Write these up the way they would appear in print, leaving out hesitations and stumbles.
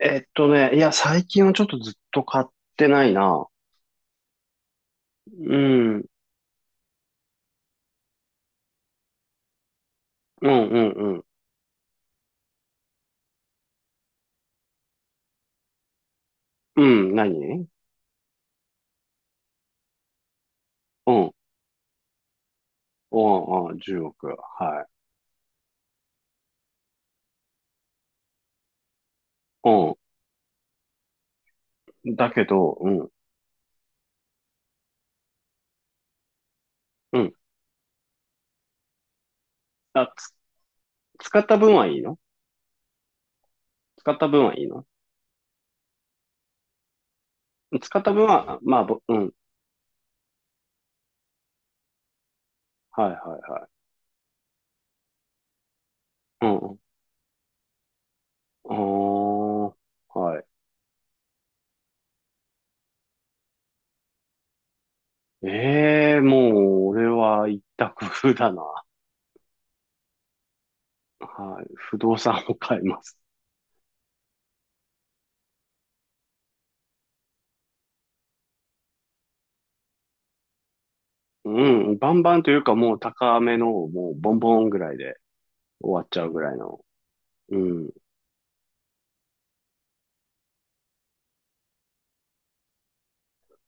いや、最近はちょっとずっと買ってないな。うん、うん、うん、うん。うん、何？うん、うんうん、10億。はい。うん。だけど、うん、うん。あ、つ、使った分はいいの？使った分はいいの？使った分は、まあ、ぼうん。はい、はい、はい。うん、うん。あー、はい。ええー、もう、俺は一択だな。はい。不動産を買います。うん、バンバンというか、もう高めの、もうボンボンぐらいで。終わっちゃうぐらいの。うん。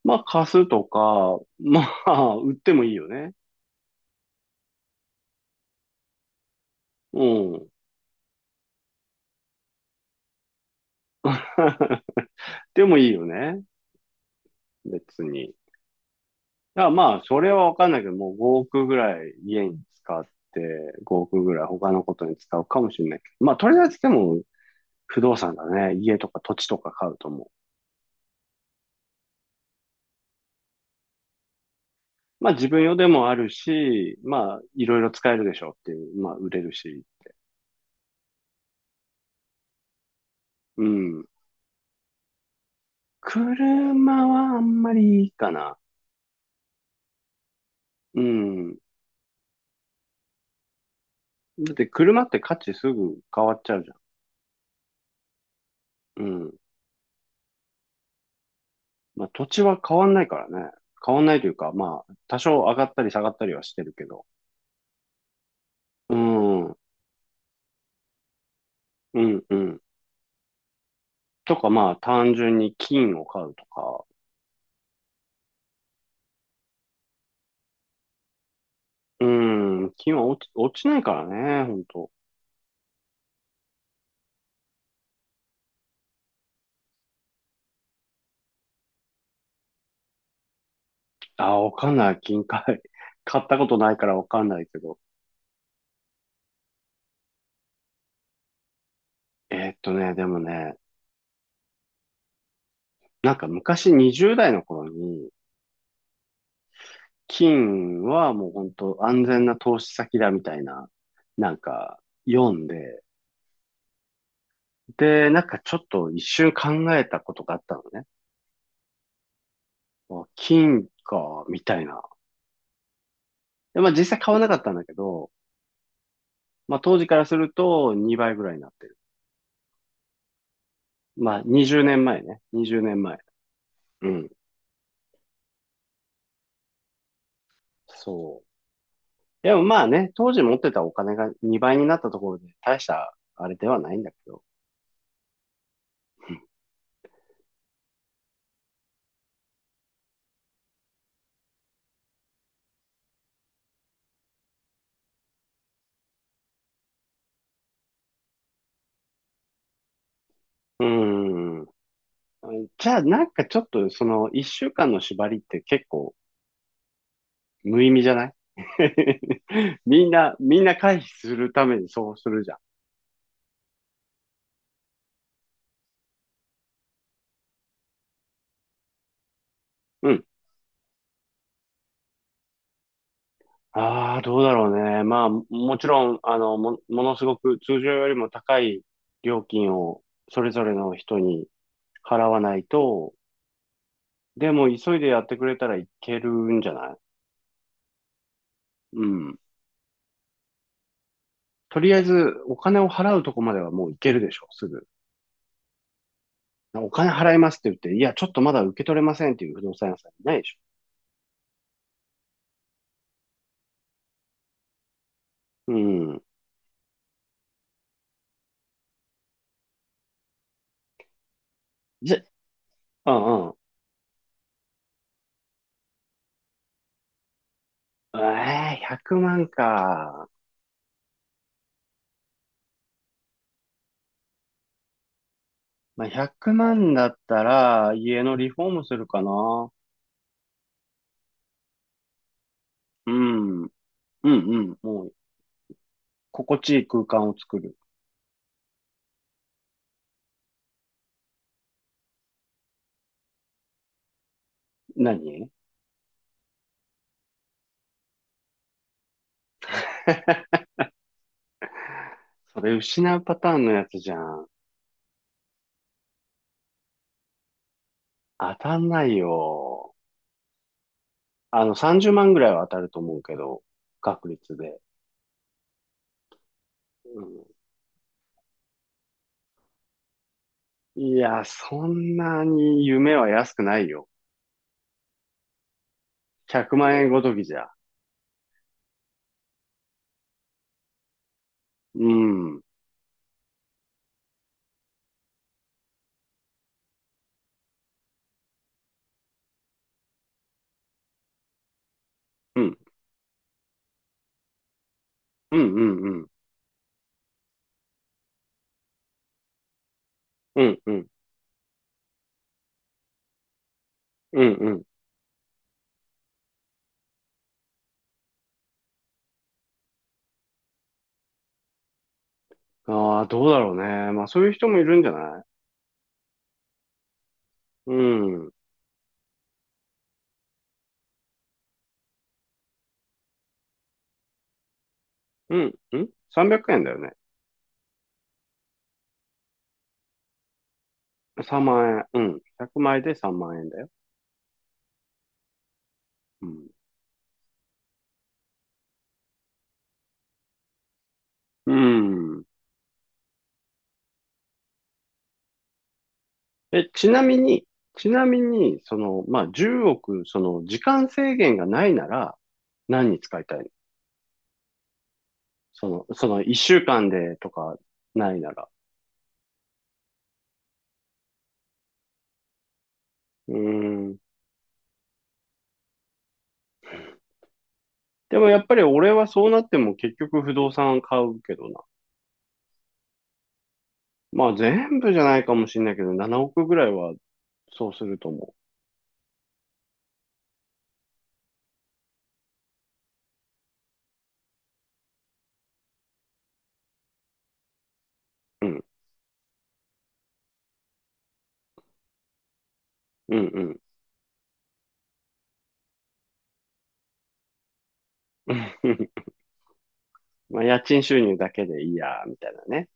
まあ、貸すとか、まあ、売ってもいいよね。うん。でもいいよね。別に。だからまあ、それはわかんないけど、もう5億ぐらい家に使って、5億ぐらい他のことに使うかもしれないけど。まあ、とりあえずでも、不動産だね。家とか土地とか買うと思う。まあ、自分用でもあるし、まあ、いろいろ使えるでしょうっていう。まあ、売れるし。うん。車はあんまりいいかな。うん。だって車って価値すぐ変わっちゃうじゃん。うん。まあ土地は変わんないからね。変わんないというか、まあ多少上がったり下がったりはしてるけど。うん。うんうん。とかまあ単純に金を買うとか。うん。金は落ちないからね、ほんと。あー、わかんない。金買い。買ったことないからわかんないけど。でもね、なんか昔20代の頃に、金はもうほんと安全な投資先だみたいな、なんか読んで、で、なんかちょっと一瞬考えたことがあったのね。まあ金か、みたいな。で、まあ実際買わなかったんだけど、まあ当時からすると2倍ぐらいになってる。まあ20年前ねんまえね。20年前。うん。そう。でもまあね、当時持ってたお金が2倍になったところで大したあれではないんだけど。うーん。じゃあなんかちょっとその1週間の縛りって結構無意味じゃない？ みんな回避するためにそうするじゃん。うん、ああ、どうだろうね。まあ、もちろん、ものすごく通常よりも高い料金をそれぞれの人に払わないと、でも急いでやってくれたらいけるんじゃない？うん。とりあえず、お金を払うとこまではもういけるでしょ、すぐ。お金払いますって言って、いや、ちょっとまだ受け取れませんっていう不動産屋さんいないでしょ。うん。じゃ、うんうん。ええ、100万か。まあ、100万だったら、家のリフォームするかな。うん。うんうん。もう、心地いい空間を作る。何？それ失うパターンのやつじゃん。当たんないよ。30万ぐらいは当たると思うけど、確率で。うん、いや、そんなに夢は安くないよ。100万円ごときじゃ。うん。うん。うんうんうん。うん。うん。うん。うん、ああー、どうだろうね。まあ、そういう人もいるんじゃない？うん。うん。うん ?300 円だよね。3万円。うん。100枚で3万円だよ。うん。うん。え、ちなみに、まあ、10億、時間制限がないなら、何に使いたいの？1週間でとか、ないなら。うん。でもやっぱり俺はそうなっても結局不動産買うけどな。まあ、全部じゃないかもしれないけど、7億ぐらいは、そうすると思う。うん。うん、うん。まあ、家賃収入だけでいいや、みたいなね。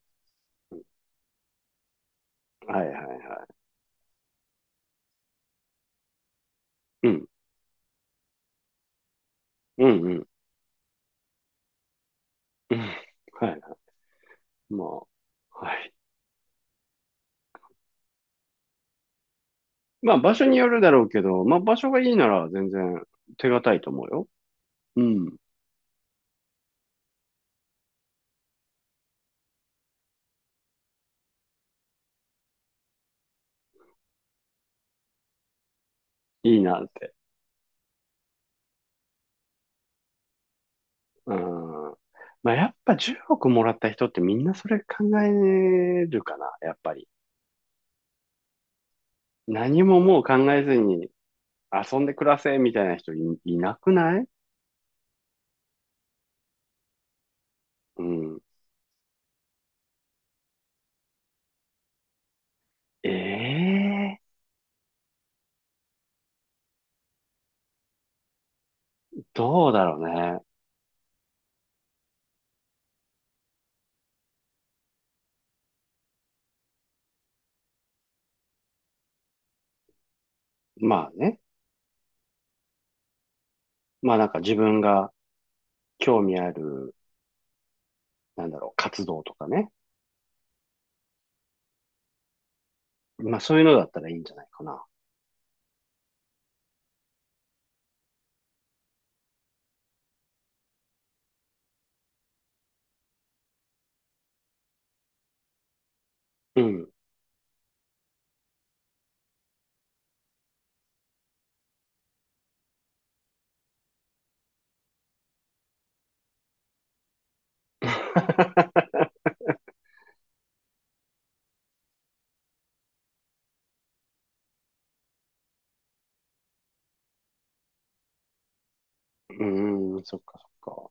はいはいはい。うん。うん、うん。うん、はいはい。まあ、はい。まあ場所によるだろうけど、まあ場所がいいなら全然手堅いと思うよ。うん。いいなって。うん。まあやっぱ10億もらった人ってみんなそれ考えるかな、やっぱり。何ももう考えずに遊んで暮らせみたいな人いなくない？うん。ええー、どうだろうね。まあね。まあなんか自分が興味ある、なんだろう、活動とかね。まあそういうのだったらいいんじゃないかな。うん。うーん、そっかそっか。